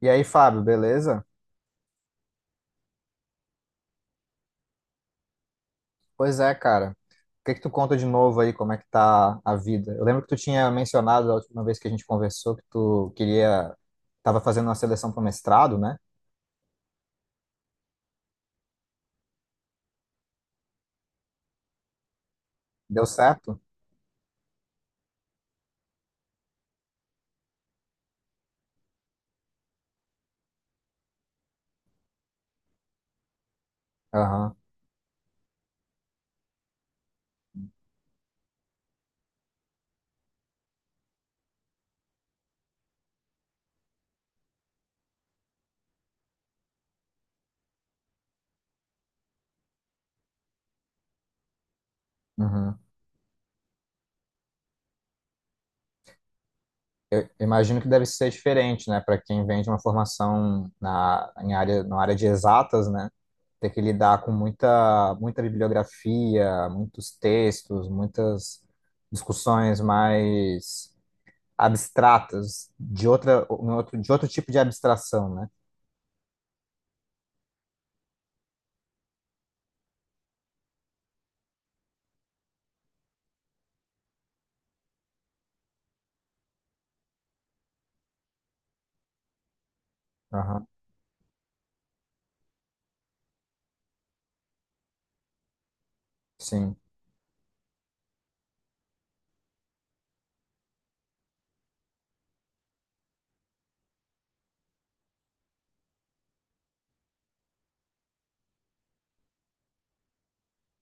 E aí, Fábio, beleza? Pois é, cara. O que que tu conta de novo aí? Como é que tá a vida? Eu lembro que tu tinha mencionado a última vez que a gente conversou que tu queria, tava fazendo uma seleção para mestrado, né? Deu certo? Aham. Uhum. Imagino que deve ser diferente, né, para quem vem de uma formação na em área, na área de exatas, né? Ter que lidar com muita bibliografia, muitos textos, muitas discussões mais abstratas, de outro tipo de abstração, né? Aham, sim,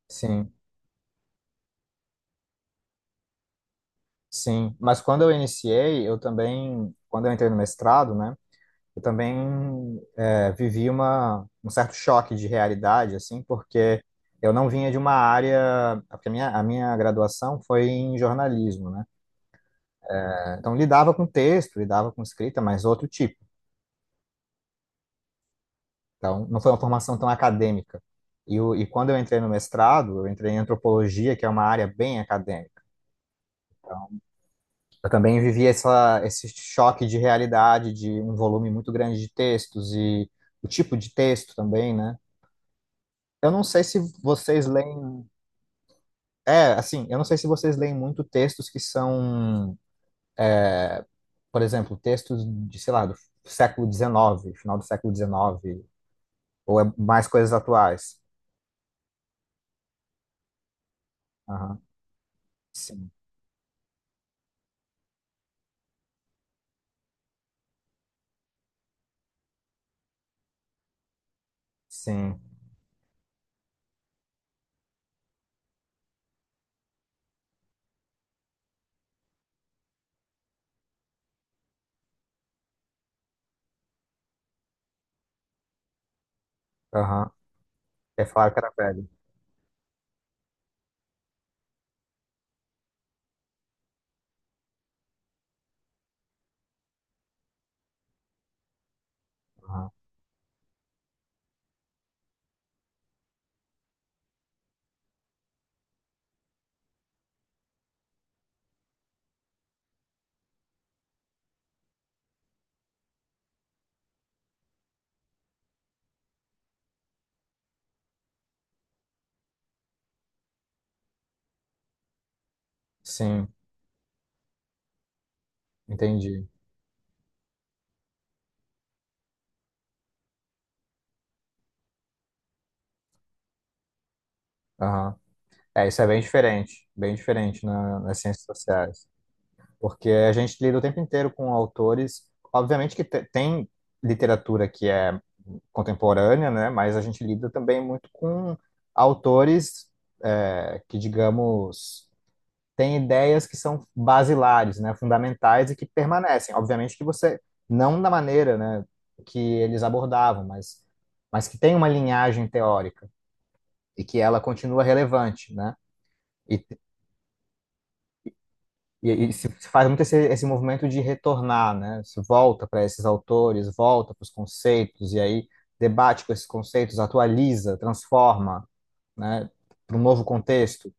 sim, sim. Mas quando eu iniciei, quando eu entrei no mestrado, né? Eu também vivi um certo choque de realidade, assim, porque eu não vinha de uma área, porque a minha graduação foi em jornalismo, né? Então lidava com texto, lidava com escrita, mas outro tipo. Então, não foi uma formação tão acadêmica. E quando eu entrei no mestrado, eu entrei em antropologia, que é uma área bem acadêmica. Eu também vivi esse choque de realidade, de um volume muito grande de textos e o tipo de texto também, né? Eu não sei se vocês leem. É, assim, eu não sei se vocês leem muito textos que são, por exemplo, textos de, sei lá, do século XIX, final do século XIX, ou é mais coisas atuais. Aham. Sim, sim. Aham. É falar que era velho. Sim, entendi. Aham. É, isso é bem diferente nas ciências sociais, porque a gente lida o tempo inteiro com autores, obviamente que tem literatura que é contemporânea, né, mas a gente lida também muito com autores que, digamos, têm ideias que são basilares, né, fundamentais e que permanecem. Obviamente que você, não da maneira, né, que eles abordavam, mas que tem uma linhagem teórica e que ela continua relevante, né? E, e se faz muito esse movimento de retornar, né? Se volta para esses autores, volta para os conceitos, e aí debate com esses conceitos, atualiza, transforma, né? Para um novo contexto.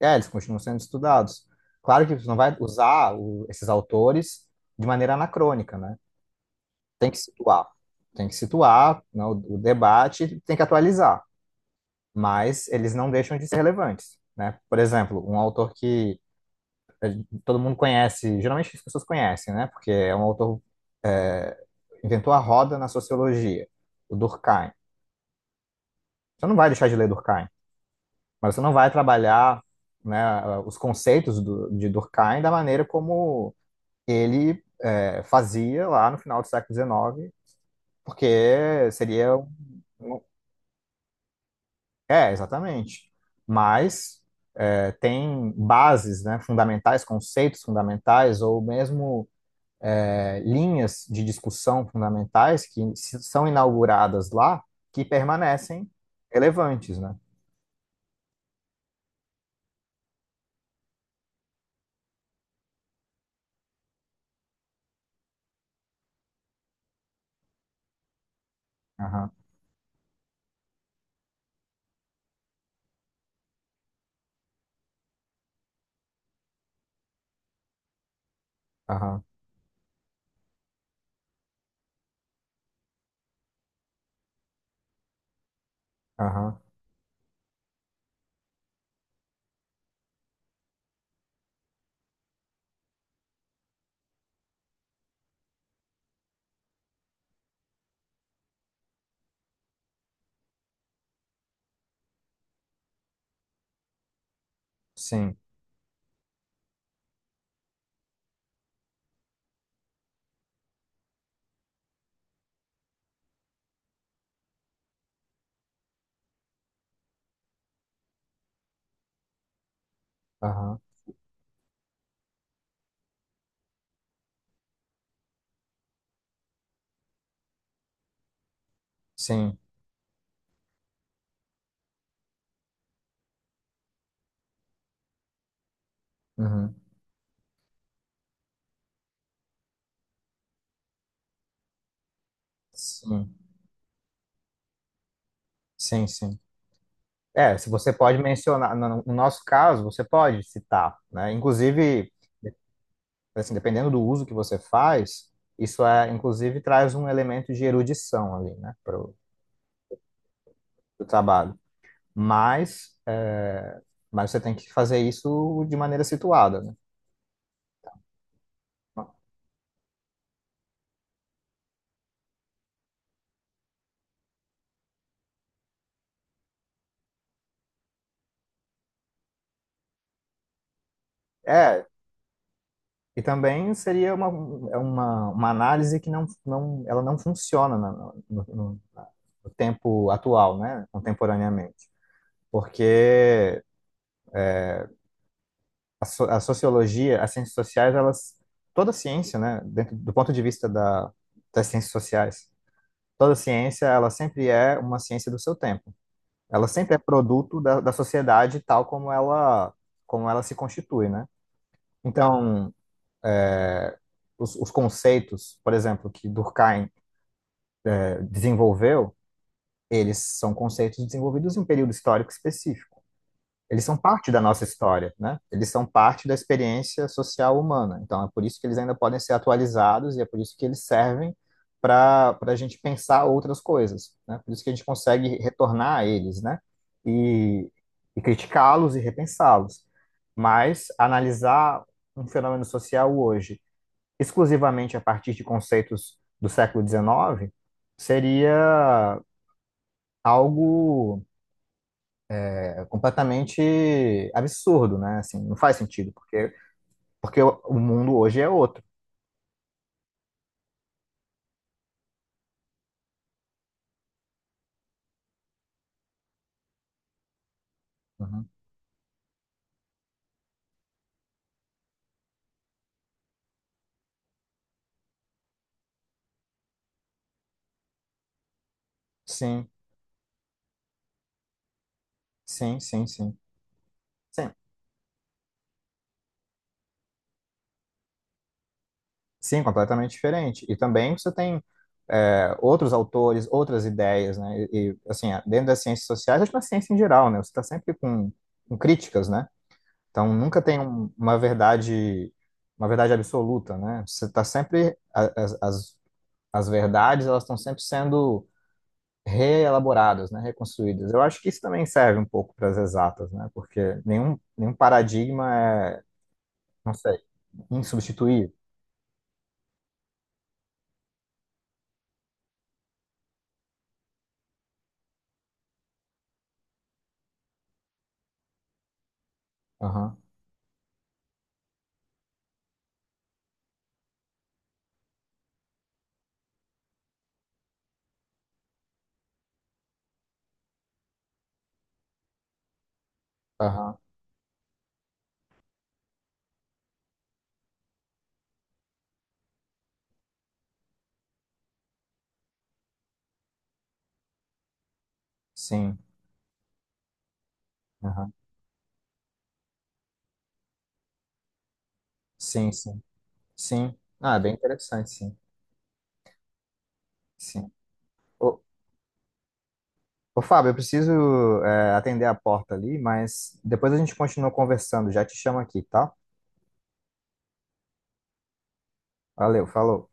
É, eles continuam sendo estudados. Claro que você não vai usar esses autores de maneira anacrônica, né? Tem que situar. Tem que situar, né, o debate, tem que atualizar. Mas eles não deixam de ser relevantes, né? Por exemplo, um autor que todo mundo conhece, geralmente as pessoas conhecem, né? Porque é um autor, é, inventou a roda na sociologia, o Durkheim. Você não vai deixar de ler Durkheim, mas você não vai trabalhar, né, os conceitos de Durkheim da maneira como ele fazia lá no final do século XIX, porque seria. Um, É, exatamente. Mas tem bases, né, fundamentais, conceitos fundamentais, ou mesmo linhas de discussão fundamentais que são inauguradas lá que permanecem relevantes, né? Aham, aham, aham, sim, aham, sim, uhum, sim, sim, sim. É, se você pode mencionar, no nosso caso, você pode citar, né? Inclusive, assim, dependendo do uso que você faz, isso é, inclusive, traz um elemento de erudição ali, né, para o trabalho. Mas, mas você tem que fazer isso de maneira situada, né? É, e também seria uma, é uma análise que não, não, ela não funciona no tempo atual, né? Contemporaneamente. Porque a sociologia, as ciências sociais, elas, toda ciência, né? Dentro, do ponto de vista das ciências sociais, toda ciência, ela sempre é uma ciência do seu tempo. Ela sempre é produto da sociedade tal como ela se constitui, né? Então, os conceitos, por exemplo, que Durkheim desenvolveu, eles são conceitos desenvolvidos em um período histórico específico. Eles são parte da nossa história, né? Eles são parte da experiência social humana. Então, é por isso que eles ainda podem ser atualizados e é por isso que eles servem para a gente pensar outras coisas, né? Por isso que a gente consegue retornar a eles, né? E, criticá-los e repensá-los. Mas analisar um fenômeno social hoje exclusivamente a partir de conceitos do século XIX seria algo completamente absurdo, né? Assim, não faz sentido, porque, porque o mundo hoje é outro. Uhum. Sim, sim, sim, sim. Sim, sim, completamente diferente. E também você tem outros autores, outras ideias, né? E, assim, dentro das ciências sociais, acho que na ciência em geral, né? Você está sempre com críticas, né? Então, nunca tem uma verdade absoluta, né? Você está sempre, as verdades, elas estão sempre sendo reelaboradas, né, reconstruídas. Eu acho que isso também serve um pouco para as exatas, né, porque nenhum paradigma é, não sei, insubstituível. Aham, aham, sim, aham, sim, sim, sim. Ah, é bem interessante, sim, sim. Ô, ô Fábio, eu preciso atender a porta ali, mas depois a gente continua conversando, já te chamo aqui, tá? Valeu, falou.